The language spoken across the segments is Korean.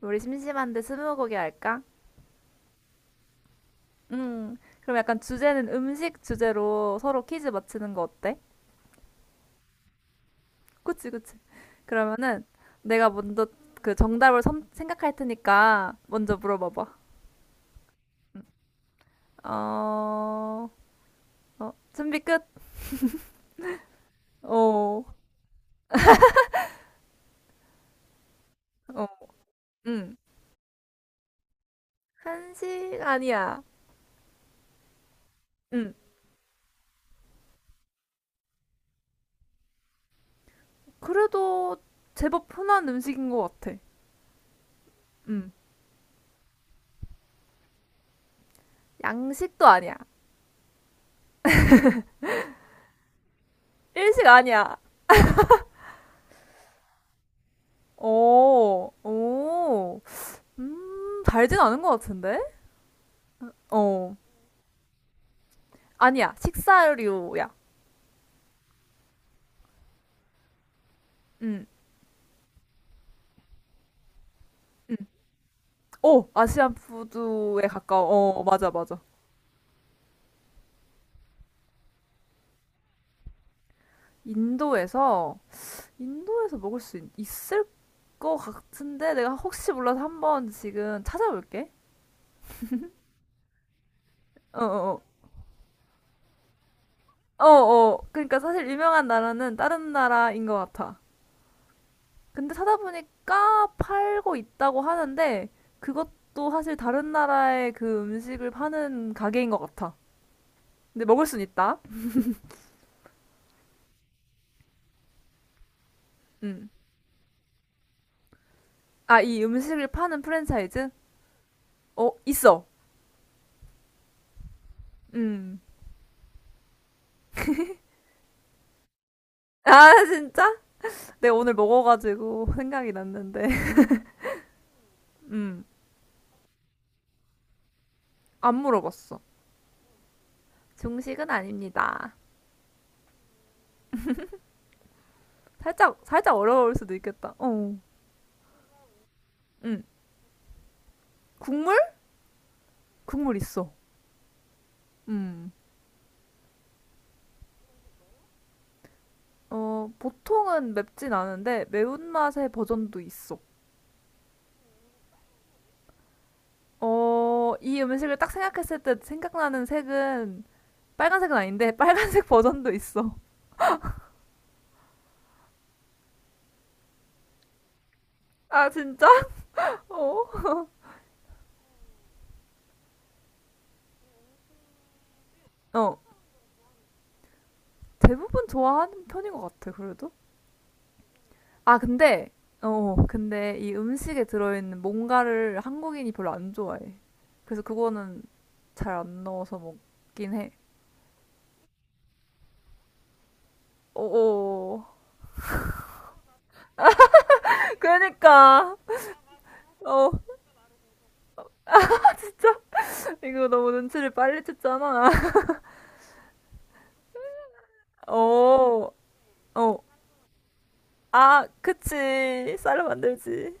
우리 심심한데 스무고개 할까? 음, 그럼 약간 주제는 음식 주제로 서로 퀴즈 맞히는 거 어때? 그치, 그치. 그러면은 내가 먼저 그 정답을 생각할 테니까 먼저 물어봐봐. 음. 어, 준비 끝? 어, 어, 응. 한식 아니야. 응. 그래도 제법 흔한 음식인 것 같아. 응. 양식도 아니야. 일식 아니야. 오, 오. 달진 않은 것 같은데? 어. 아니야, 식사류야. 음, 음. 오, 아시안 푸드에 가까워. 어, 맞아, 맞아. 인도에서, 인도에서 먹을 수 있, 을것 같은데? 내가 혹시 몰라서 한번 지금 찾아볼게. 어, 어, 어. 어. 그러니까 사실 유명한 나라는 다른 나라인 것 같아. 근데 찾아보니까 팔고 있다고 하는데, 그것도 사실 다른 나라의 그 음식을 파는 가게인 것 같아. 근데 먹을 순 있다. 음. 아, 이 음식을 파는 프랜차이즈? 어, 있어. 음. 아, 진짜? 내가 오늘 먹어가지고 생각이 났는데. 음. 안 물어봤어. 중식은 아닙니다. 살짝, 살짝 어려울 수도 있겠다. 어. 음. 국물? 국물 있어. 음. 보통은 맵진 않은데 매운맛의 버전도 있어. 어, 이 음식을 딱 생각했을 때 생각나는 색은 빨간색은 아닌데 빨간색 버전도 있어. 아, 진짜? 어. 어. 대부분 좋아하는 편인 것 같아, 그래도. 아, 근데, 근데 이 음식에 들어있는 뭔가를 한국인이 별로 안 좋아해. 그래서 그거는 잘 안 넣어서 먹긴 해. 어, 어. 그러니까. 어, 이거 너무 눈치를 빨리 챘잖아. 어, 어. 아, 그치. 쌀로 만들지.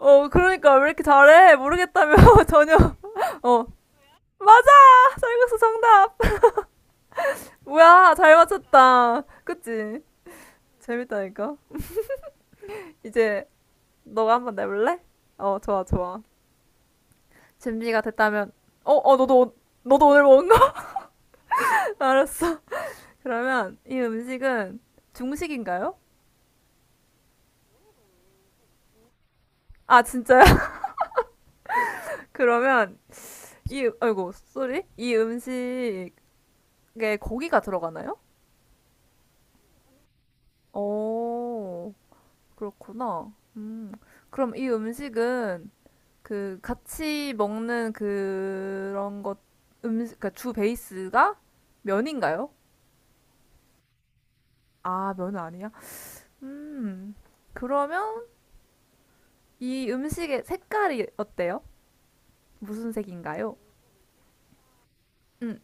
어, 그러니까 왜 이렇게 잘해? 모르겠다며, 전혀. 어. 맞아! 쌀국수 정답! 뭐야, 잘 맞췄다. 그치? 재밌다니까? 이제 너가 한번 내볼래? 어, 좋아, 좋아. 준비가 됐다면, 너도, 너도 오늘 먹은 거? 알았어. 그러면 이 음식은 중식인가요? 아, 진짜요? 그러면 이, 아이고, 쏘리? 이 음식에 고기가 들어가나요? 오, 그렇구나. 그럼 이 음식은 그 같이 먹는 그런 것, 음식, 그러니까 주 베이스가 면인가요? 아, 면은 아니야? 음, 그러면 이 음식의 색깔이 어때요? 무슨 색인가요? 음,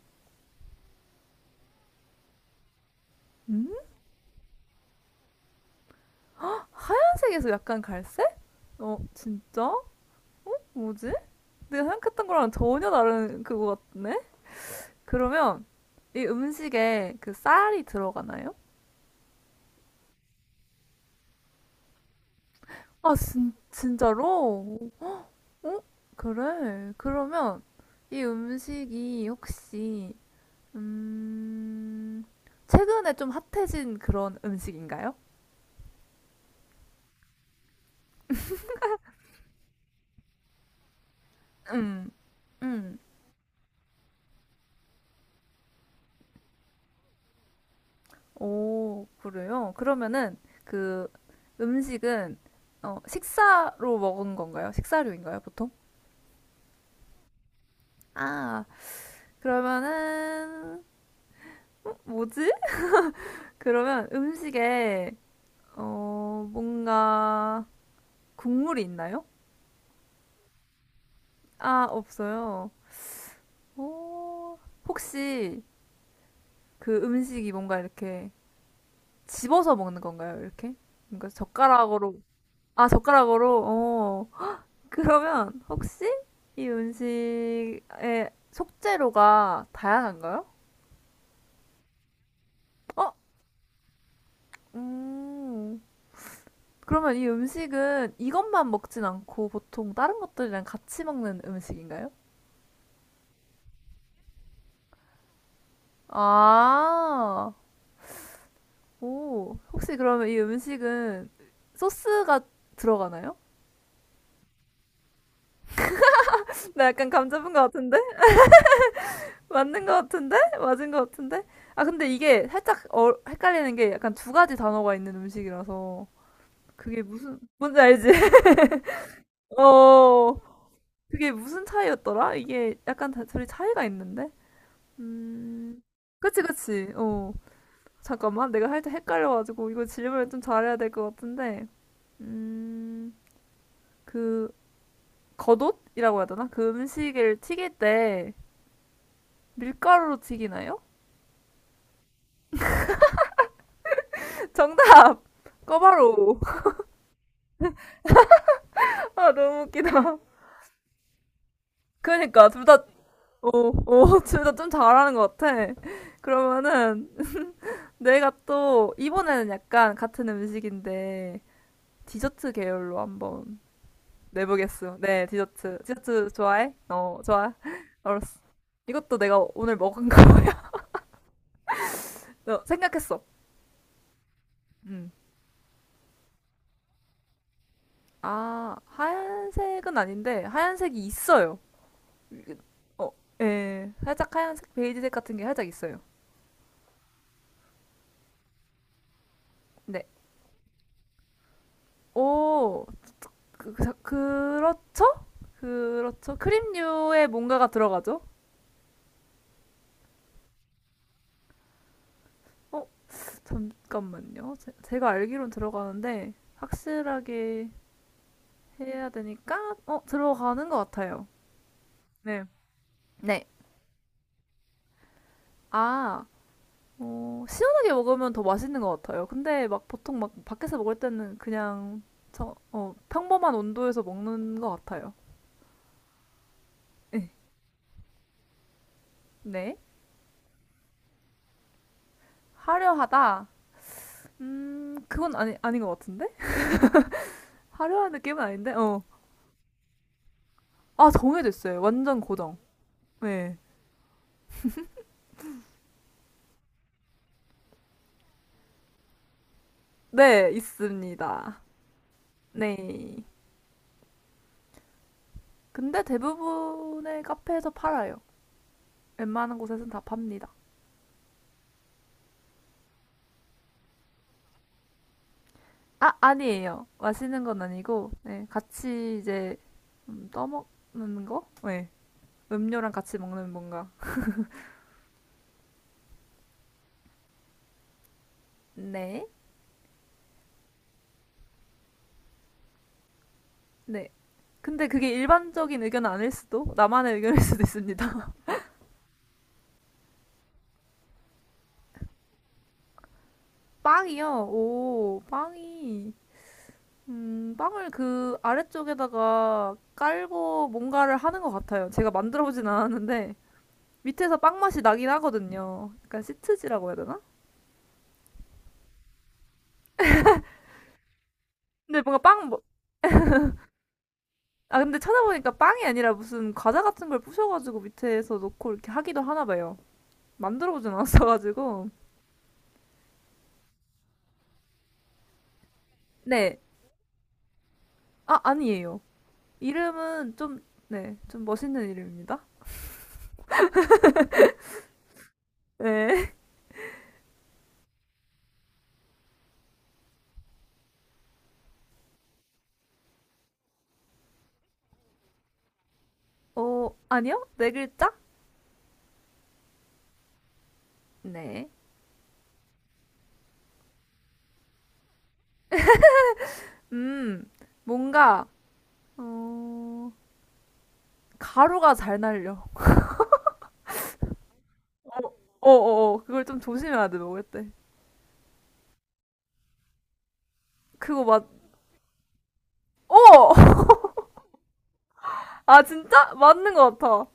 음, 빨간색에서 약간 갈색? 어, 진짜? 뭐지? 내가 생각했던 거랑 전혀 다른 그거 같네? 그러면 이 음식에 그 쌀이 들어가나요? 아, 진, 진짜로? 어? 그래. 그러면 이 음식이 혹시, 음, 최근에 좀 핫해진 그런 음식인가요? 음, 음. 오, 그래요? 그러면은 그 음식은 어, 식사로 먹은 건가요? 식사류인가요, 보통? 아, 그러면은 뭐지? 그러면 음식에 어, 뭔가 국물이 있나요? 아, 없어요. 오, 혹시 그 음식이 뭔가 이렇게 집어서 먹는 건가요? 이렇게? 뭔가 젓가락으로 아, 젓가락으로? 어. 그러면 혹시 이 음식의 속재료가 다양한가요? 어? 음. 그러면 이 음식은 이것만 먹진 않고 보통 다른 것들이랑 같이 먹는 음식인가요? 아, 오. 혹시 그러면 이 음식은 소스가 들어가나요? 나 약간 감 잡은 것 같은데? 맞는 것 같은데? 맞은 것 같은데? 아, 근데 이게 살짝 어, 헷갈리는 게 약간 두 가지 단어가 있는 음식이라서 그게 무슨, 뭔지 알지? 어, 그게 무슨 차이였더라? 이게 약간 다, 둘이 차이가 있는데? 음, 그치, 그치. 어, 잠깐만. 내가 살짝 헷갈려가지고, 이거 질문을 좀 잘해야 될 것 같은데. 음, 그, 겉옷이라고 해야 되나? 그 음식을 튀길 때 밀가루로 튀기나요? 정답! 꿔바로우. 아, 너무 웃기다. 그러니까, 둘 다, 어, 어, 둘 다 좀 잘하는 것 같아. 그러면은, 내가 또, 이번에는 약간 같은 음식인데, 디저트 계열로 한번 내보겠어. 네, 디저트. 디저트 좋아해? 어, 좋아. 알았어. 이것도 내가 오늘 먹은 거야. 어, 생각했어. 음. 아, 하얀색은 아닌데 하얀색이 있어요. 어, 예. 살짝 하얀색, 베이지색 같은 게 살짝 있어요. 네. 오, 그렇죠? 그렇죠. 크림류에 뭔가가 들어가죠? 어, 잠깐만요. 제가 알기론 들어가는데 확실하게 해야 되니까 어 들어가는 것 같아요. 네. 네. 아, 어, 시원하게 먹으면 더 맛있는 것 같아요. 근데 막 보통 막 밖에서 먹을 때는 그냥 저, 어, 평범한 온도에서 먹는 것 같아요. 네. 네. 화려하다. 그건 아니, 아닌 것 같은데? 화려한 느낌은 아닌데? 어. 아, 정해졌어요. 완전 고정. 네. 네, 있습니다. 네. 근데 대부분의 카페에서 팔아요. 웬만한 곳에서는 다 팝니다. 아, 아니에요. 마시는 건 아니고, 네, 같이 이제 떠먹는 거? 네, 음료랑 같이 먹는 뭔가. 네, 네. 근데 그게 일반적인 의견은 아닐 수도, 나만의 의견일 수도 있습니다. 빵이요. 오, 빵이. 빵을 그 아래쪽에다가 깔고 뭔가를 하는 것 같아요. 제가 만들어보진 않았는데, 밑에서 빵 맛이 나긴 하거든요. 약간 시트지라고 해야 되나? 근데 뭔가 빵, 뭐, 아, 근데 찾아보니까 빵이 아니라 무슨 과자 같은 걸 부셔가지고 밑에서 놓고 이렇게 하기도 하나 봐요. 만들어보진 않았어가지고. 네. 아, 아니에요. 이름은 좀, 네. 좀 멋있는 이름입니다. 네. 어, 아니요? 네 글자? 네. 음, 뭔가, 어, 가루가 잘 날려. 어, 어, 어. 어. 그걸 좀 조심해야 돼, 먹을 때. 그거 맞, 어! 아, 진짜? 맞는 것 같아.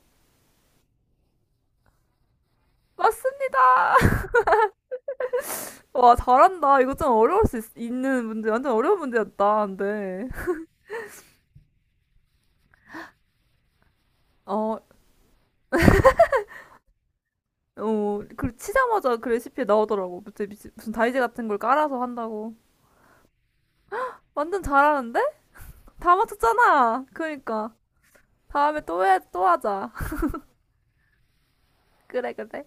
맞습니다. 와, 잘한다. 이거 좀 어려울 수 있, 는 문제, 완전 어려운 문제였다. 근데, 어, 어, 그 치자마자 그 레시피에 나오더라고. 무슨, 무슨 다이제 같은 걸 깔아서 한다고. 완전 잘하는데? 다 맞췄잖아. 그러니까. 다음에 또 해, 또 하자. 그래, 그래.